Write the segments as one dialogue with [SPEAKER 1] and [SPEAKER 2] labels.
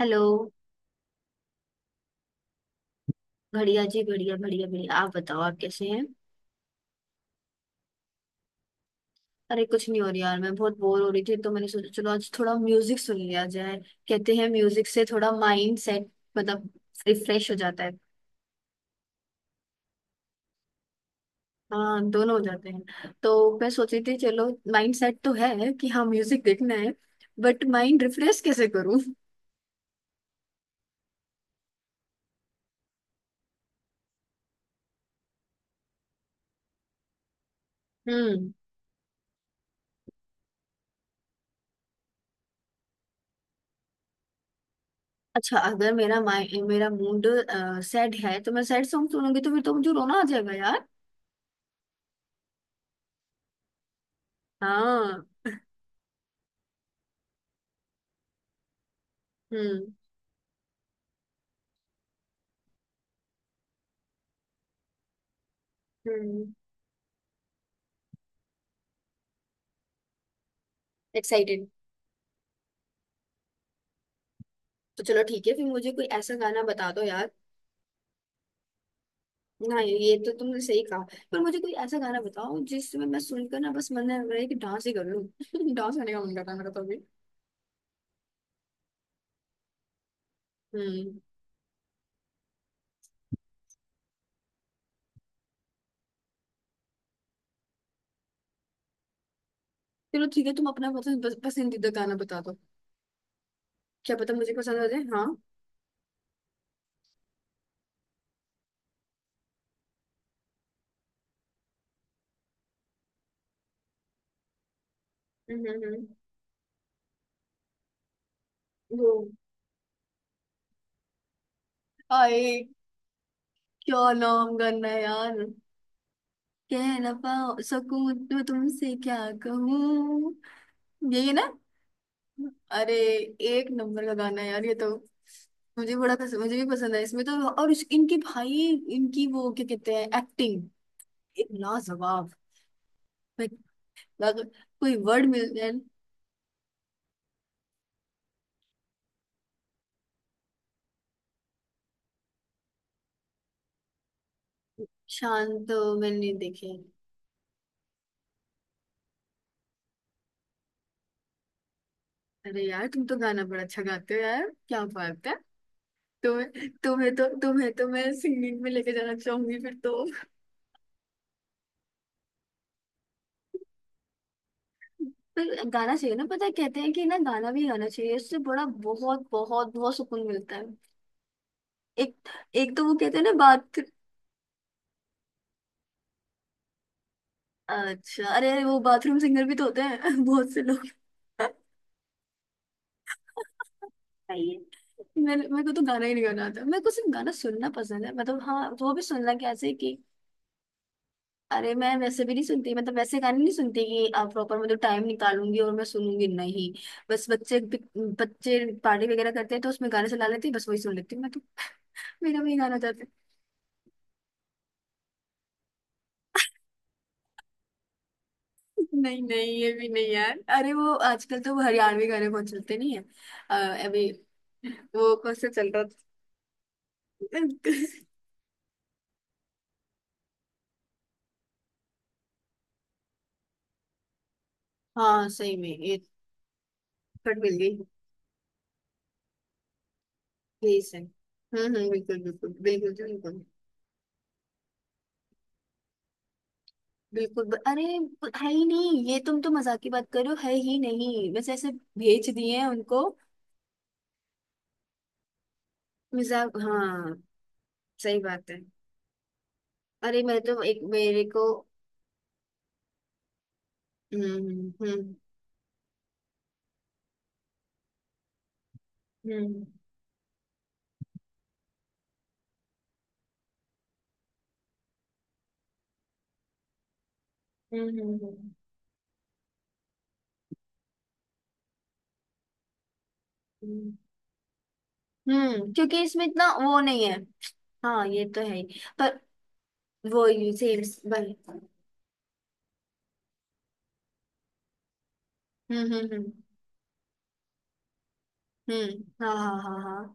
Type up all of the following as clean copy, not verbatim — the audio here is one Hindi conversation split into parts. [SPEAKER 1] हेलो। बढ़िया जी, बढ़िया, बढ़िया, बढ़िया। आप बताओ, आप कैसे हैं। अरे कुछ नहीं हो रहा यार, मैं बहुत बोर हो रही थी तो मैंने सोचा चलो आज थोड़ा म्यूजिक सुन लिया जाए। कहते हैं म्यूजिक से थोड़ा माइंड सेट, मतलब रिफ्रेश हो जाता है। हाँ, दोनों हो जाते हैं, तो मैं सोच रही थी चलो माइंड सेट तो है कि हाँ म्यूजिक देखना है। बट माइंड रिफ्रेश कैसे करूँ। हम्म। अच्छा, अगर मेरा माइ मेरा मूड सैड है तो मैं सैड सॉन्ग सुनूंगी तो फिर तो मुझे रोना आ जाएगा यार। हाँ। हम्म हम्म। एक्साइटेड। तो चलो ठीक है, फिर मुझे कोई ऐसा गाना बता दो यार। ना, ये तो तुमने सही कहा। पर मुझे कोई ऐसा गाना बताओ जिसमें मैं सुनकर ना बस मन लग रहा है कि डांस ही कर लूं। डांस करने का मन कर रहा है मेरा तो अभी। हम्म। चलो ठीक है, तुम अपना पसंद पसंदीदा गाना बता दो। क्या पता मुझे पसंद आ जाए, हाँ। हम्म हम्म हम्म। वो आए, क्या नाम गाना है यार। कह ना पाओ सकूं तो तुमसे क्या कहूँ, यही है ना। अरे, एक नंबर का गाना है यार ये तो। मुझे बड़ा पसंद, मुझे भी पसंद है इसमें तो, और इनके भाई, इनकी वो क्या कहते हैं एक्टिंग एक लाजवाब। मैं- अगर कोई वर्ड मिल जाए। शान तो मैंने देखे। अरे यार तुम तो गाना बड़ा अच्छा गाते हो यार, क्या बात है। तुम्हें तुम्हें तो मैं सिंगिंग में लेके जाना चाहूंगी फिर तो। पर गाना चाहिए ना, पता है कहते हैं कि ना गाना भी गाना चाहिए, इससे बड़ा बहुत बहुत बहुत सुकून मिलता है। एक एक तो वो कहते हैं ना बात। अच्छा, अरे अरे वो बाथरूम सिंगर भी तो होते हैं बहुत से लोग। सही है। मेरे मेरे को तो गाना ही नहीं, गाना आता मेरे को सिर्फ गाना सुनना पसंद है, मतलब हाँ वो भी सुनना कैसे कि अरे मैं वैसे भी नहीं सुनती, मतलब वैसे गाने नहीं सुनती कि आप प्रॉपर मतलब टाइम निकालूंगी और मैं सुनूंगी नहीं। बस बच्चे बच्चे पार्टी वगैरह करते हैं तो उसमें गाने चला लेते हैं, बस वही सुन लेती हूँ मैं तो। मेरा भी गाना चाहते। नहीं नहीं, ये भी नहीं यार, अरे वो आजकल तो वो हरियाणवी गाने बहुत चलते नहीं है। अभी वो कौन सा चल रहा था। हाँ सही में ये कट मिल गई। यही सही। हम्म, बिल्कुल बिल्कुल बिल्कुल बिल्कुल बिल्कुल। अरे है ही नहीं ये, तुम तो मजाक की बात करो, है ही नहीं बस ऐसे भेज दिए हैं उनको। मजाक, हाँ सही बात है। अरे मैं तो एक मेरे को। हम्म हम्म हम्म हम्म हम्म हम्म हम्म, हम्म, क्योंकि इसमें इतना वो नहीं है। हाँ ये तो है ही, पर वो सेम। हम्म हम्म हम्म हम्म। हाँ हाँ हाँ हाँ।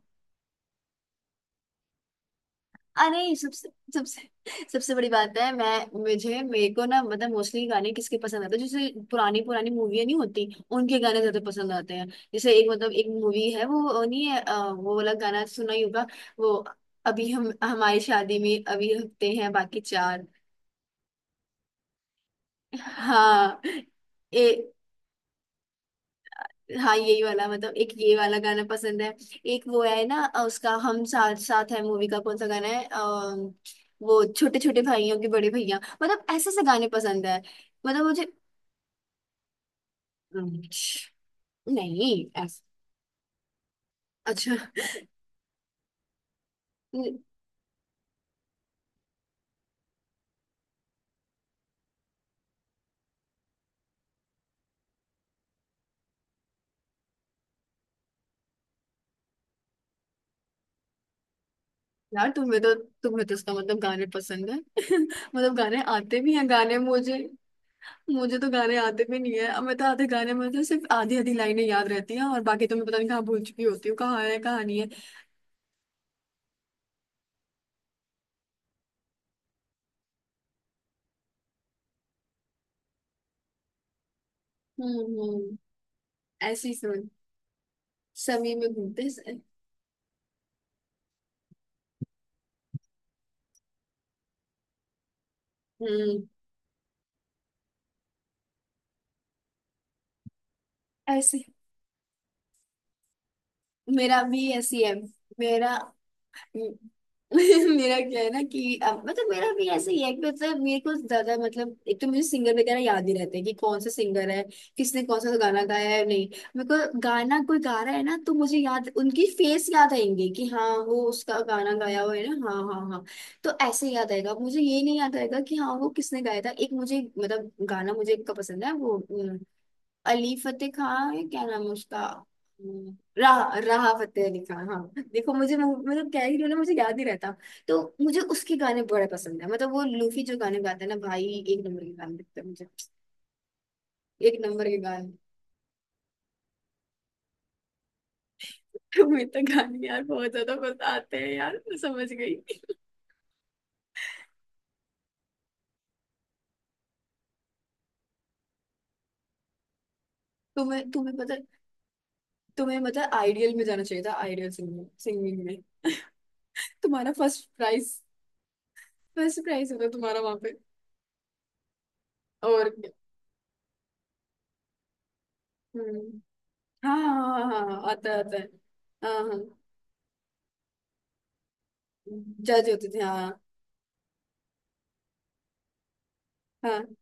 [SPEAKER 1] अरे सबसे सबसे सबसे बड़ी बात है, मैं मुझे मेरे को ना, मतलब मोस्टली गाने किसके पसंद आते हैं, जैसे पुरानी पुरानी मूवियां नहीं होती, उनके गाने ज्यादा पसंद आते हैं। जैसे एक, मतलब एक मूवी है वो नहीं है वो वाला गाना सुना ही होगा। वो अभी हम हमारी शादी में अभी हफ्ते हैं बाकी 4। हाँ, ए हाँ यही वाला, मतलब एक ये वाला गाना पसंद है। एक वो है ना उसका हम साथ साथ है मूवी का कौन सा गाना है वो छोटे छोटे भाइयों के बड़े भैया, मतलब ऐसे से गाने पसंद है, मतलब मुझे। अम, नहीं अच्छा यार, तुम्हें तो उसका मतलब गाने पसंद है मतलब गाने आते भी हैं गाने मुझे। मुझे तो गाने आते भी नहीं है, अब मैं तो आधे गाने में तो सिर्फ आधी आधी लाइनें याद रहती हैं और बाकी तो मैं पता नहीं कहाँ भूल चुकी होती हूँ, कहाँ है कहाँ नहीं है। हम्म हम्म। ऐसी सोच। सभी में घूमते हैं। हम्म, ऐसे। मेरा भी ऐसी है। मेरा मेरा क्या है ना कि अब, मतलब मेरा भी ऐसे ही है कि मतलब मेरे को ज्यादा, मतलब एक तो मुझे सिंगर वगैरह याद ही रहते हैं कि कौन सा सिंगर है, किसने कौन सा गाना गाया है नहीं। मेरे को गाना कोई गा रहा है ना तो मुझे याद उनकी फेस याद आएंगे कि हाँ वो उसका गाना गाया हुआ है ना। हाँ हाँ हाँ। तो ऐसे याद आएगा मुझे, ये नहीं याद आएगा कि हाँ वो किसने गाया था। एक मुझे मतलब गाना मुझे एक का पसंद है, वो अली फतेह खान है, क्या नाम है उसका। राह राह फतेह अली खान, हाँ। देखो मुझे मतलब क्या ही ना, मुझे याद ही रहता। तो मुझे उसके गाने बड़े पसंद है, मतलब वो लूफी जो गाने गाते हैं ना भाई, एक नंबर के गाने लगते हैं मुझे। एक नंबर के गाने। तुम्हें तो गाने यार बहुत ज्यादा पसंद आते हैं यार, मैं समझ गई। तुम्हें तुम्हें पता। तुम्हें मतलब आइडियल में जाना चाहिए था, आइडियल सिंगिंग सिंगिंग में। तुम्हारा फर्स्ट प्राइज। फर्स्ट प्राइज होता तुम्हारा वहां पे। और क्या। हम्म, हाँ हाँ हाँ हाँ, आता है आता है। हाँ हाँ। जज होते थे, हाँ। हाँ।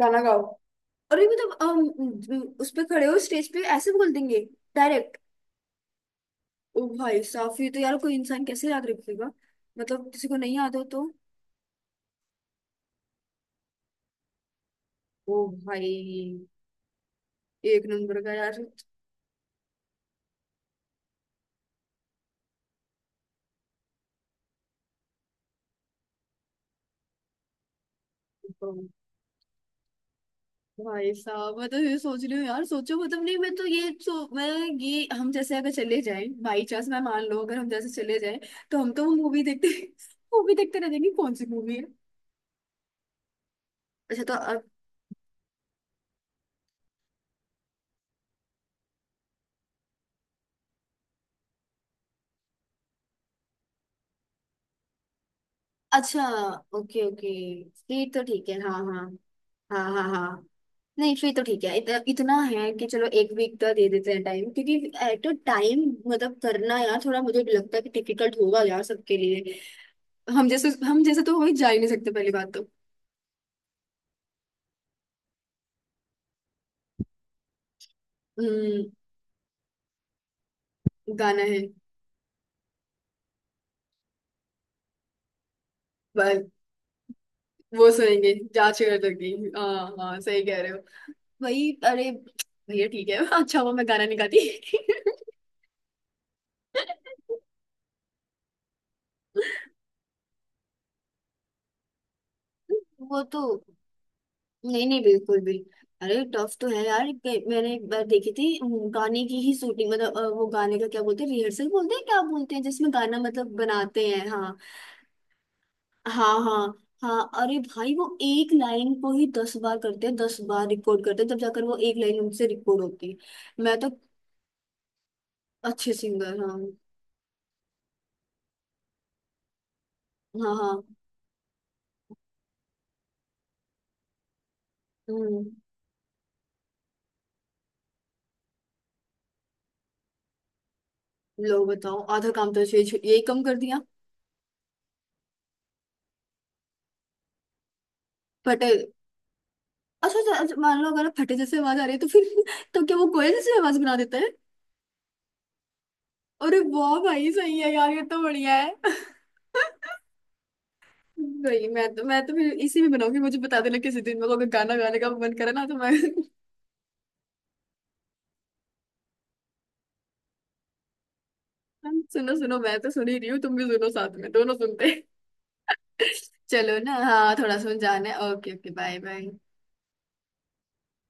[SPEAKER 1] गाना गाओ। और ये मतलब उस पे खड़े हो स्टेज पे ऐसे बोल देंगे डायरेक्ट। ओ भाई साहब ये तो यार कोई इंसान कैसे याद रखेगा, मतलब किसी को नहीं याद हो तो। ओ भाई, एक नंबर का यार। भाई साहब मैं तो ये सोच रही हूँ यार, सोचो मतलब नहीं मैं तो ये सो मैं, ये हम जैसे अगर चले जाएं बाई चांस, मैं मान लो अगर हम जैसे चले जाएं तो हम तो मूवी देखते मूवी देखते रह जाएंगे कौन सी मूवी है। अच्छा तो। अच्छा, ओके ओके, फिर तो ठीक है हाँ हाँ। हाँ हाँ हाँ। नहीं फिर तो ठीक है, इतना है कि चलो एक वीक का दे देते हैं टाइम, क्योंकि एट अ टाइम मतलब करना यार थोड़ा मुझे लगता है कि डिफिकल्ट होगा यार सबके लिए। हम जैसे तो हो ही जा ही नहीं सकते पहली बात तो। हम्म। गाना है बस, वो सुनेंगे जांच कर लगी, हाँ हाँ सही कह रहे हो। वही, अरे भैया ठीक है अच्छा हुआ मैं गाना नहीं गाती। वो तो नहीं नहीं बिल्कुल भी। अरे टफ तो है यार, मैंने एक बार देखी थी गाने की ही शूटिंग मतलब वो गाने का क्या बोलते हैं रिहर्सल बोलते हैं क्या बोलते हैं जिसमें गाना मतलब बनाते हैं, हाँ। हाँ हाँ हाँ। अरे भाई वो एक लाइन को ही 10 बार करते हैं, 10 बार रिकॉर्ड करते हैं तब जाकर वो एक लाइन उनसे रिकॉर्ड होती है, मैं तो। अच्छे सिंगर, हाँ हाँ हाँ। हम्म। लो बताओ, आधा काम तो यही कम कर दिया। फटे। अच्छा अच्छा अच्छा, मान लो अगर फटे जैसे आवाज आ रही है तो फिर तो क्या वो कोयल जैसी आवाज बना देता है। अरे वाह भाई सही है यार, ये तो बढ़िया है। भाई मैं तो फिर इसी में बनाऊंगी, मुझे बता देना किसी दिन मेरे को अगर गाना गाने का मन करे ना तो मैं। सुनो सुनो, मैं तो सुन ही रही हूँ, तुम भी सुनो साथ में, दोनों सुनते हैं। चलो ना, हाँ थोड़ा सुन जाना है। Okay okay bye bye.